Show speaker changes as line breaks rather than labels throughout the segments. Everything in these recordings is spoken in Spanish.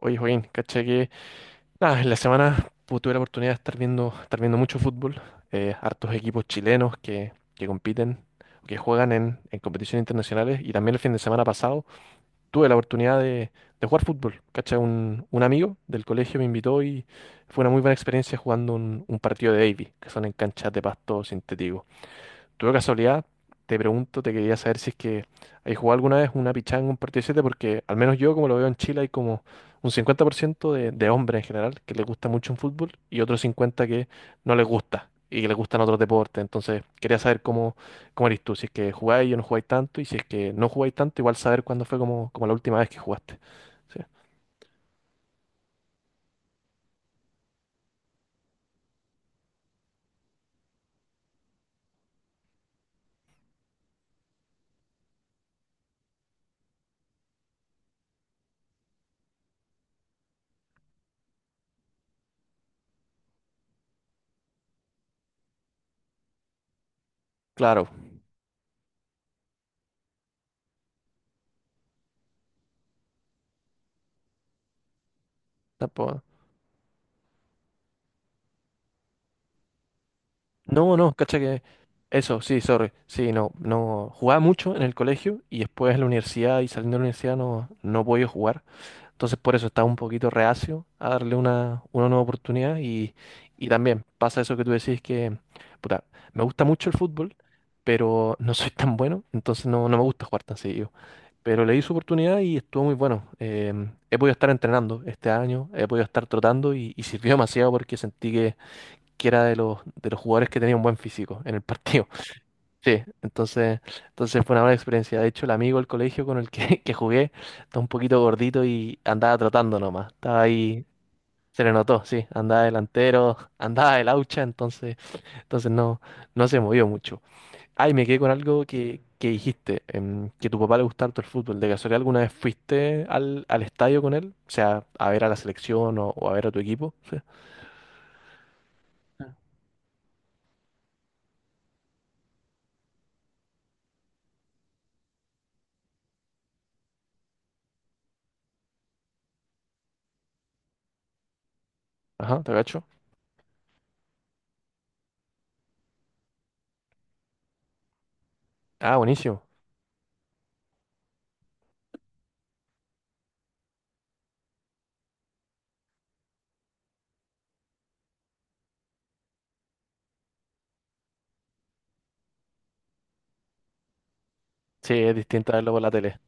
Oye, Joaquín, caché que nada, en la semana tuve la oportunidad de estar viendo mucho fútbol, hartos equipos chilenos que compiten, que juegan en competiciones internacionales y también el fin de semana pasado tuve la oportunidad de jugar fútbol. Caché, un amigo del colegio me invitó y fue una muy buena experiencia jugando un partido de Davy, que son en canchas de pasto sintético. Tú de casualidad, te pregunto, te quería saber si es que hay jugado alguna vez una pichanga, un partido de 7, porque al menos yo, como lo veo en Chile, hay como un 50% de hombres en general que les gusta mucho un fútbol y otros 50% que no les gusta y que les gustan otros deportes. Entonces, quería saber cómo eres tú, si es que jugáis o no jugáis tanto, y si es que no jugáis tanto, igual saber cuándo fue como la última vez que jugaste. Sí. Claro, tampoco- No, no, cacha que... Eso, sí, sorry. Sí, no, no. Jugaba mucho en el colegio y después en la universidad y saliendo de la universidad no he podido jugar. Entonces por eso estaba un poquito reacio a darle una nueva oportunidad y también pasa eso que tú decís que, puta, me gusta mucho el fútbol, pero no soy tan bueno, entonces no me gusta jugar tan seguido. Pero le di su oportunidad y estuvo muy bueno. He podido estar entrenando este año, he podido estar trotando y sirvió demasiado porque sentí que era de de los jugadores que tenía un buen físico en el partido. Sí, entonces fue una buena experiencia. De hecho, el amigo del colegio que jugué estaba un poquito gordito y andaba trotando nomás. Estaba ahí, se le notó, sí, andaba delantero, andaba de laucha, entonces no se movió mucho. Ay, me quedé con algo que dijiste, que a tu papá le gusta harto el fútbol. ¿De casualidad alguna vez fuiste al estadio con él? O sea, a ver a la selección o a ver a tu equipo. Sí. Ajá, te cacho. Ah, buenísimo. Sí, es distinta verlo por la tele.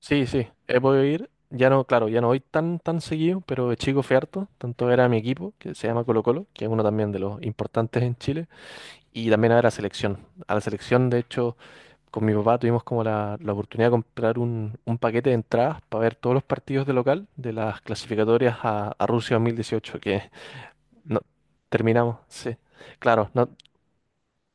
Sí, sí, he podido ir. Ya no, claro, ya no voy tan seguido, pero de chico fui harto. Tanto era mi equipo, que se llama Colo Colo, que es uno también de los importantes en Chile, y también a la selección. A la selección, de hecho, con mi papá tuvimos como la oportunidad de comprar un paquete de entradas para ver todos los partidos de local de las clasificatorias a Rusia 2018, que no, terminamos, sí. Claro, no,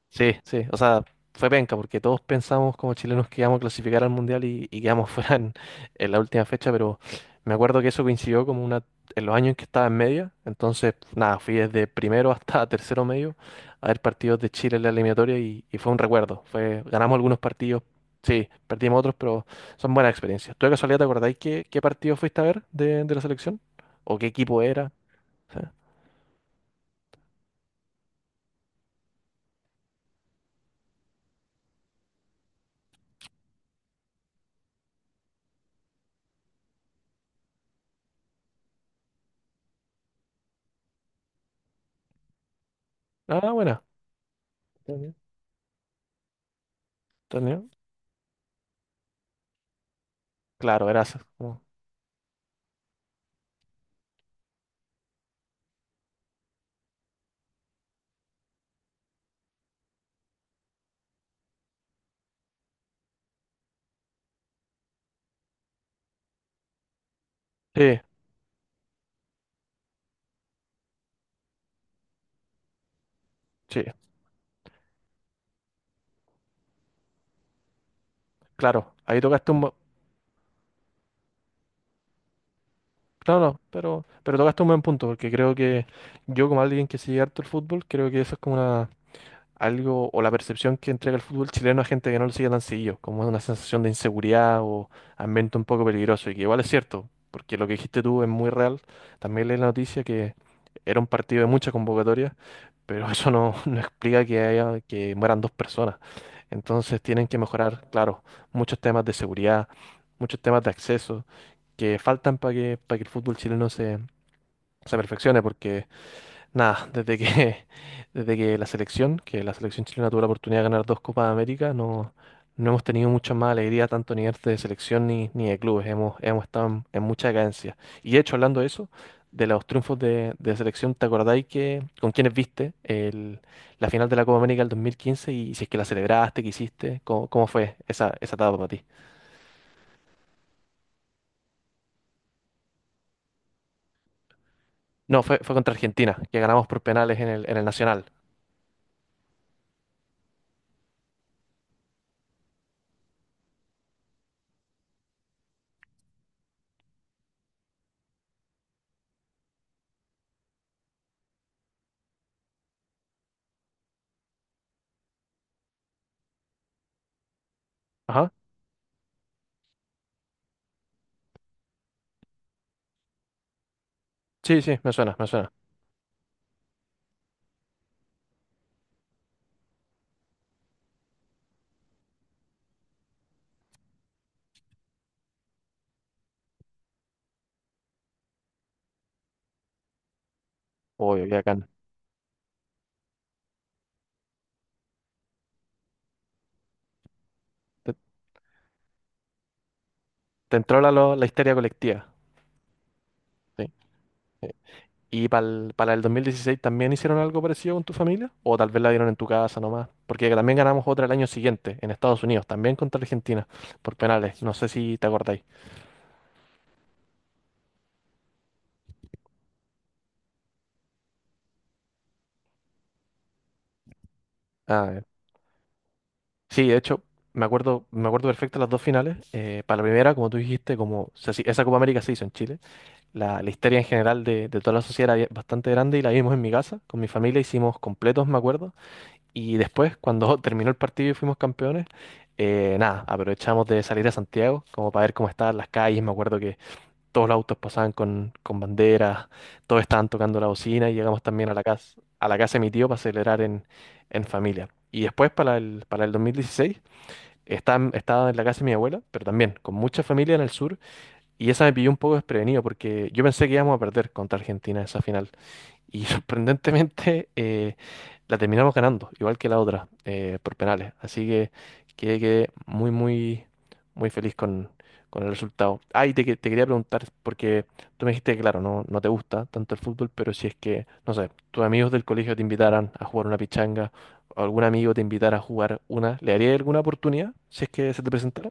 sí, sí, o sea, fue penca porque todos pensamos como chilenos que íbamos a clasificar al Mundial y quedamos fuera en la última fecha, pero me acuerdo que eso coincidió en los años en que estaba en media, entonces nada, fui desde primero hasta tercero medio a ver partidos de Chile en la eliminatoria y fue un recuerdo, fue, ganamos algunos partidos, sí, perdimos otros, pero son buenas experiencias. ¿Tú de casualidad te acordáis qué partido fuiste a ver de la selección? ¿O qué equipo era? Sí. Ah, buena. Entendido. Entendido. Claro, gracias. Sí, sí. Claro, ahí tocaste un... No, pero tocaste un buen punto, porque creo que yo, como alguien que sigue harto el fútbol, creo que eso es como una, algo o la percepción que entrega el fútbol chileno a gente que no lo sigue tan seguido, como una sensación de inseguridad o ambiente un poco peligroso, y que igual es cierto, porque lo que dijiste tú es muy real. También leí la noticia que era un partido de mucha convocatoria, pero eso no, no explica que haya, que mueran dos personas. Entonces tienen que mejorar, claro, muchos temas de seguridad, muchos temas de acceso que faltan para que el fútbol chileno se perfeccione, porque nada, desde que la selección chilena tuvo la oportunidad de ganar dos Copas de América, no, no hemos tenido mucha más alegría, tanto a nivel de selección ni de clubes. Hemos, hemos estado en mucha decadencia. Y de hecho, hablando de eso, de los triunfos de selección, ¿te acordáis que con quiénes viste la final de la Copa América del 2015 y si es que la celebraste, qué hiciste? ¿ cómo fue esa etapa para ti? No, fue contra Argentina, que ganamos por penales en el Nacional. Ajá. Sí, sí, me suena, me suena. Obvio, ya acá. Te entró la histeria colectiva. ¿Sí? Eh, ¿Y para el 2016 también hicieron algo parecido con tu familia? ¿O tal vez la dieron en tu casa nomás? Porque también ganamos otra el año siguiente, en Estados Unidos, también contra Argentina, por penales. No sé si te acordáis. Ah, ya. Sí, de hecho, me acuerdo perfecto las dos finales. Para la primera, como tú dijiste, como se esa Copa América se hizo en Chile. La histeria en general de toda la sociedad era bastante grande y la vimos en mi casa, con mi familia, hicimos completos, me acuerdo. Y después, cuando terminó el partido y fuimos campeones, nada, aprovechamos de salir a Santiago, como para ver cómo estaban las calles. Me acuerdo que todos los autos pasaban con banderas, todos estaban tocando la bocina y llegamos también a la casa de mi tío para celebrar en familia. Y después, para el 2016, estaba en la casa de mi abuela, pero también con mucha familia en el sur. Y esa me pilló un poco desprevenido porque yo pensé que íbamos a perder contra Argentina esa final. Y sorprendentemente la terminamos ganando, igual que la otra, por penales. Así que quedé, quedé muy, muy, muy feliz con el resultado. Ah, y te quería preguntar, porque tú me dijiste que, claro, no te gusta tanto el fútbol, pero si es que, no sé, tus amigos del colegio te invitaran a jugar una pichanga, o algún amigo te invitara a jugar una, ¿le harías alguna oportunidad si es que se te presentara?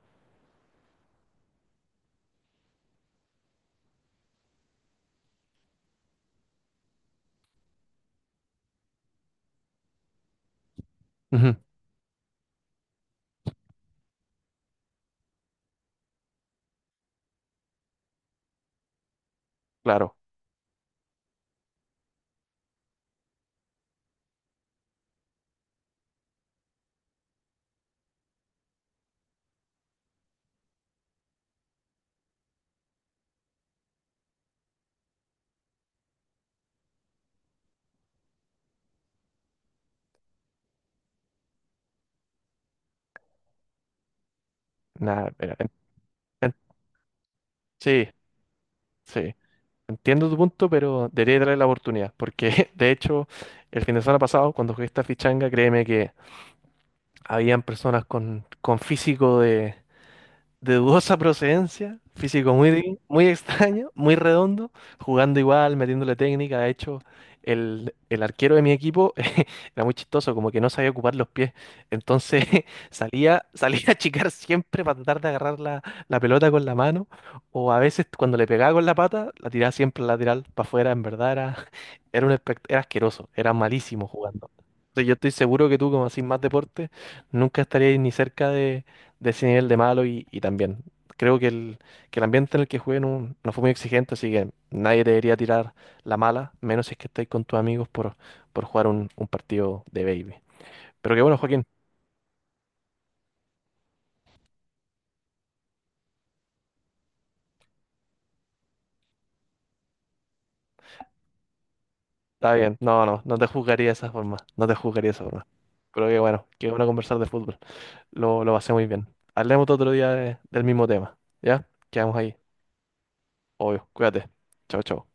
Ujú, claro, nada, en- sí, sí. Entiendo tu punto, pero debería darle la oportunidad, porque de hecho el fin de semana pasado, cuando jugué esta fichanga, créeme que habían personas con físico de dudosa procedencia, físico muy, muy extraño, muy redondo, jugando igual, metiéndole técnica. De hecho, el arquero de mi equipo era muy chistoso, como que no sabía ocupar los pies. Entonces salía a achicar siempre para tratar de agarrar la pelota con la mano, o a veces cuando le pegaba con la pata, la tiraba siempre lateral para afuera. En verdad era, era un era asqueroso, era malísimo jugando. Entonces, yo estoy seguro que tú, como haces más deporte, nunca estarías ni cerca de ese nivel de malo y también creo que que el ambiente en el que jugué no, no fue muy exigente, así que nadie te debería tirar la mala, menos si es que estáis con tus amigos por jugar un partido de baby. Pero que bueno, Joaquín, está bien. No, no, no te juzgaría de esa forma, no te juzgaría de esa forma. Pero que bueno conversar de fútbol. Lo pasé muy bien. Hablemos otro día del mismo tema, ¿ya? Quedamos ahí. Obvio, cuídate. Chao, chao.